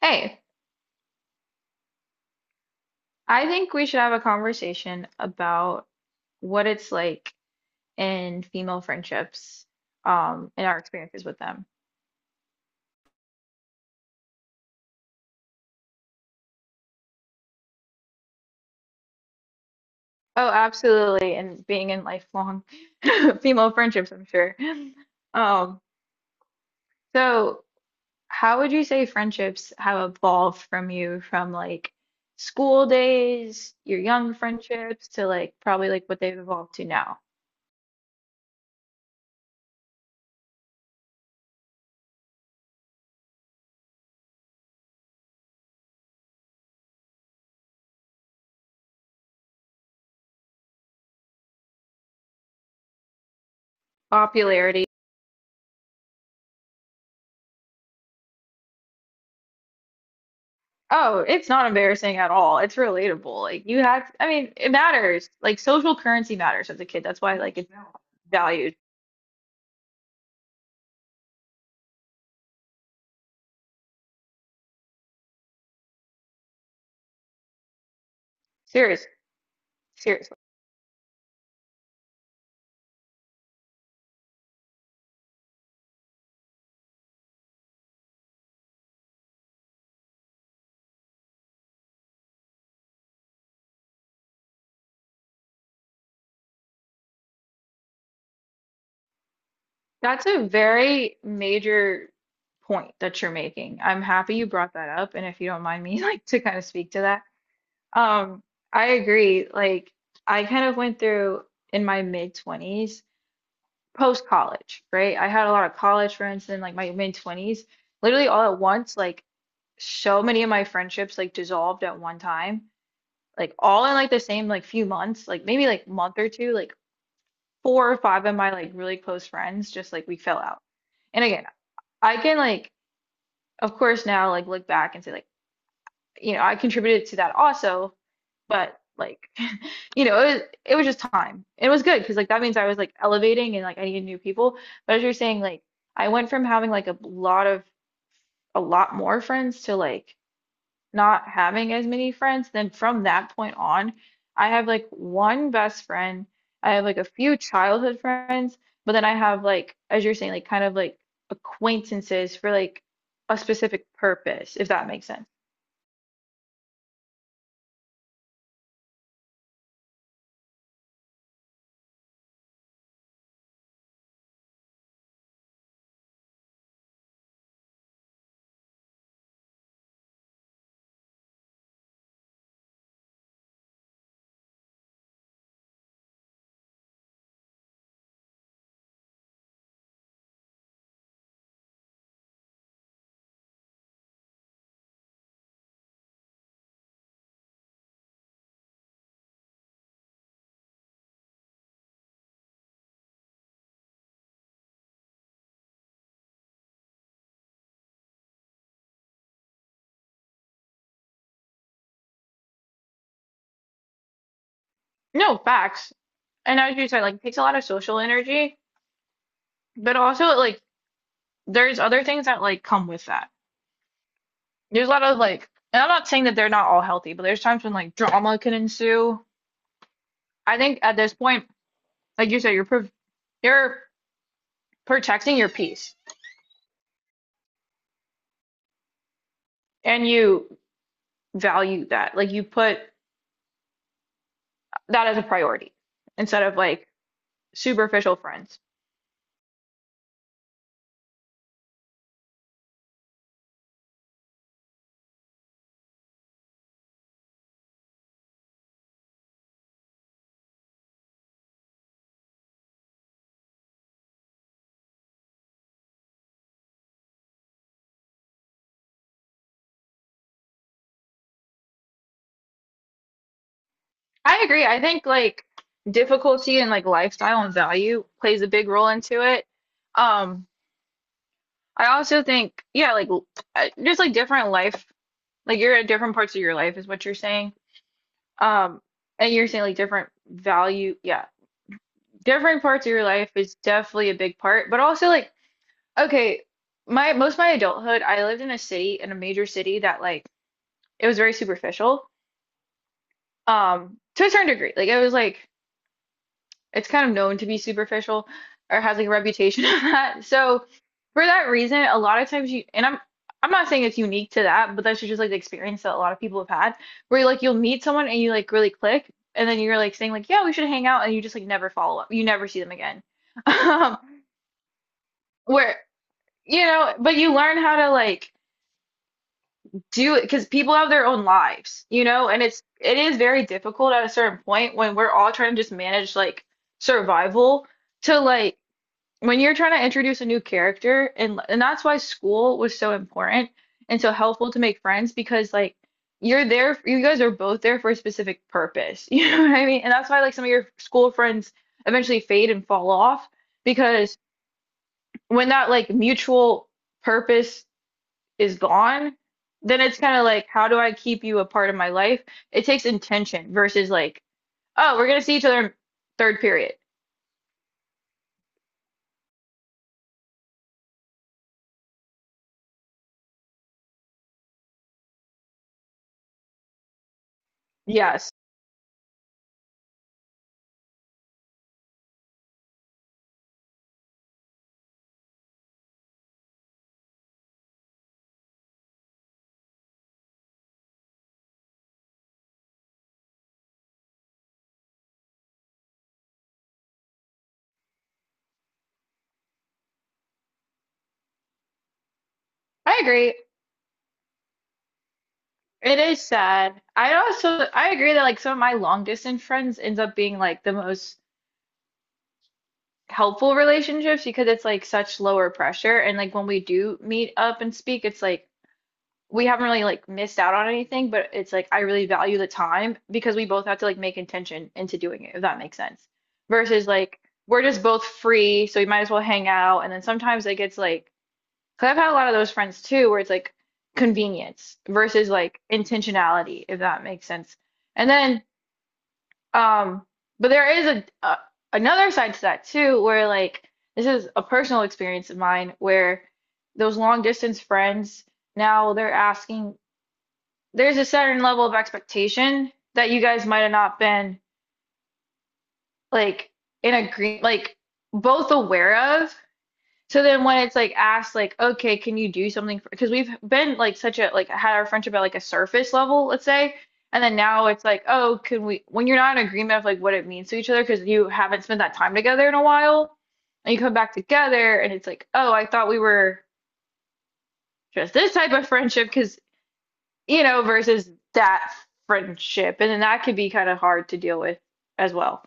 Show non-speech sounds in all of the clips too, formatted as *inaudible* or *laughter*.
Hey, I think we should have a conversation about what it's like in female friendships, and our experiences with them. Oh, absolutely, and being in lifelong *laughs* female friendships, I'm sure. Um, so how would you say friendships have evolved from you from like school days, your young friendships, to like probably like what they've evolved to now? Popularity. Oh, it's not embarrassing at all. It's relatable. Like you have, I mean, it matters. Like social currency matters as a kid. That's why like it's valued. Serious, seriously. That's a very major point that you're making. I'm happy you brought that up, and if you don't mind me *laughs* like to kind of speak to that. Um, I agree. Like I kind of went through in my mid 20s, post college, right? I had a lot of college friends in like my mid 20s, literally all at once, like so many of my friendships like dissolved at one time, like all in like the same like few months, like maybe like month or two, like four or five of my like really close friends just like we fell out. And again, I can like of course now like look back and say like, I contributed to that also, but like *laughs* you know, it was just time. It was good because like that means I was like elevating and like I needed new people. But as you're saying, like I went from having like a lot of a lot more friends to like not having as many friends, then from that point on, I have like one best friend. I have like a few childhood friends, but then I have like, as you're saying, like kind of like acquaintances for like a specific purpose, if that makes sense. No, facts. And as you said, like it takes a lot of social energy, but also like there's other things that like come with that. There's a lot of like, and I'm not saying that they're not all healthy, but there's times when like drama can ensue. I think at this point, like you said, you're protecting your peace and you value that. Like you put that as a priority instead of like superficial friends. I agree. I think like difficulty and like lifestyle and value plays a big role into it. Um, I also think, yeah, just like different life, like you're at different parts of your life is what you're saying. Um, and you're saying like different value, yeah, different parts of your life is definitely a big part, but also like, okay, my most of my adulthood, I lived in a city, in a major city that like it was very superficial, to a certain degree. Like it was like it's kind of known to be superficial or has like a reputation *laughs* of that. So for that reason, a lot of times you and I'm not saying it's unique to that, but that's just like the experience that a lot of people have had where like you'll meet someone and you like really click and then you're like saying like yeah we should hang out and you just like never follow up. You never see them again. *laughs* Um, where you know, but you learn how to like do it because people have their own lives, you know, and it is very difficult at a certain point when we're all trying to just manage like survival to like when you're trying to introduce a new character and that's why school was so important and so helpful to make friends because like you're there you guys are both there for a specific purpose *laughs* you know what I mean and that's why like some of your school friends eventually fade and fall off because when that like mutual purpose is gone then it's kind of like how do I keep you a part of my life, it takes intention versus like oh we're gonna see each other in third period. Yes. I agree. It is sad. I also I agree that like some of my long distance friends ends up being like the most helpful relationships because it's like such lower pressure and like when we do meet up and speak it's like we haven't really like missed out on anything but it's like I really value the time because we both have to like make intention into doing it, if that makes sense. Versus like we're just both free so we might as well hang out and then sometimes it gets like because I've had a lot of those friends too, where it's like convenience versus like intentionality, if that makes sense. And then, um, but there is a another side to that too, where like this is a personal experience of mine, where those long distance friends now they're asking. There's a certain level of expectation that you guys might have not been like in agree, like both aware of. So then when it's like asked like, okay, can you do something for, because we've been like such a like had our friendship at like a surface level, let's say, and then now it's like, oh, can we when you're not in agreement of like what it means to each other because you haven't spent that time together in a while, and you come back together and it's like, oh, I thought we were just this type of friendship because you know versus that friendship, and then that could be kind of hard to deal with as well.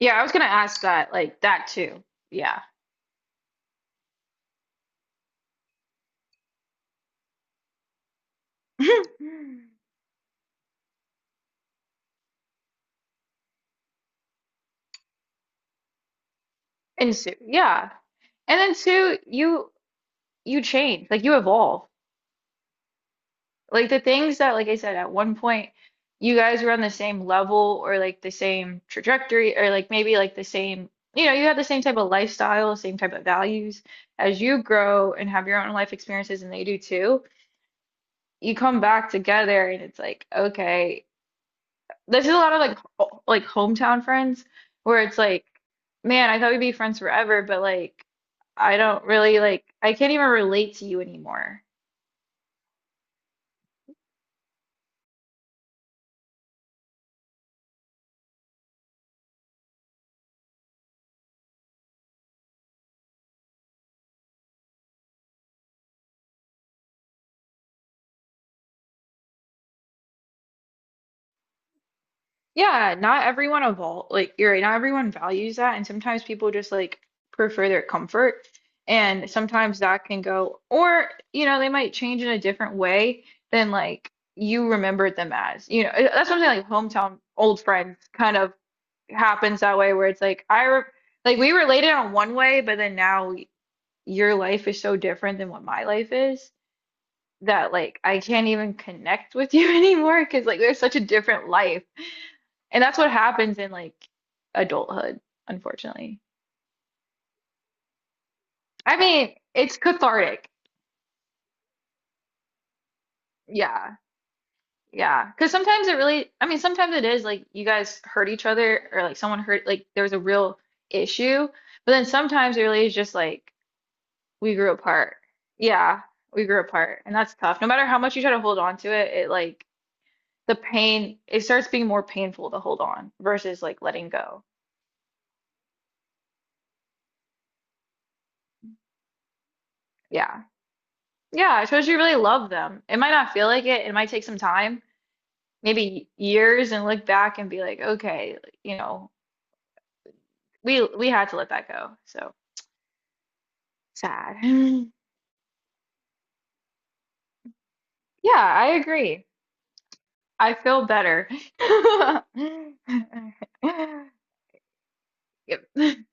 Yeah, I was gonna ask that like that too. Yeah. *laughs* And so, yeah. And then two, you change, like you evolve. Like the things that, like I said, at one point you guys were on the same level or like the same trajectory or like maybe like the same, you know, you have the same type of lifestyle, same type of values. As you grow and have your own life experiences and they do too, you come back together and it's like, okay, this is a lot of like hometown friends where it's like, man, I thought we'd be friends forever, but like I don't really like I can't even relate to you anymore. Yeah, not everyone evol like you're right, not everyone values that and sometimes people just like prefer their comfort and sometimes that can go or you know they might change in a different way than like you remembered them as. That's something like hometown old friends kind of happens that way where it's like I re like we related on one way but then now your life is so different than what my life is that like I can't even connect with you *laughs* anymore because like there's such a different life and that's what happens in like adulthood, unfortunately. I mean, it's cathartic. Yeah. Yeah. Because sometimes it really, I mean, sometimes it is like you guys hurt each other or like someone hurt, like there was a real issue. But then sometimes it really is just like we grew apart. Yeah. We grew apart. And that's tough. No matter how much you try to hold on to it, it like the pain, it starts being more painful to hold on versus like letting go. Yeah. Yeah. I suppose you really love them. It might not feel like it. It might take some time maybe years and look back and be like, okay, you know, we had to let that go. So sad. *laughs* Yeah, I agree. I feel better. *laughs* Yep.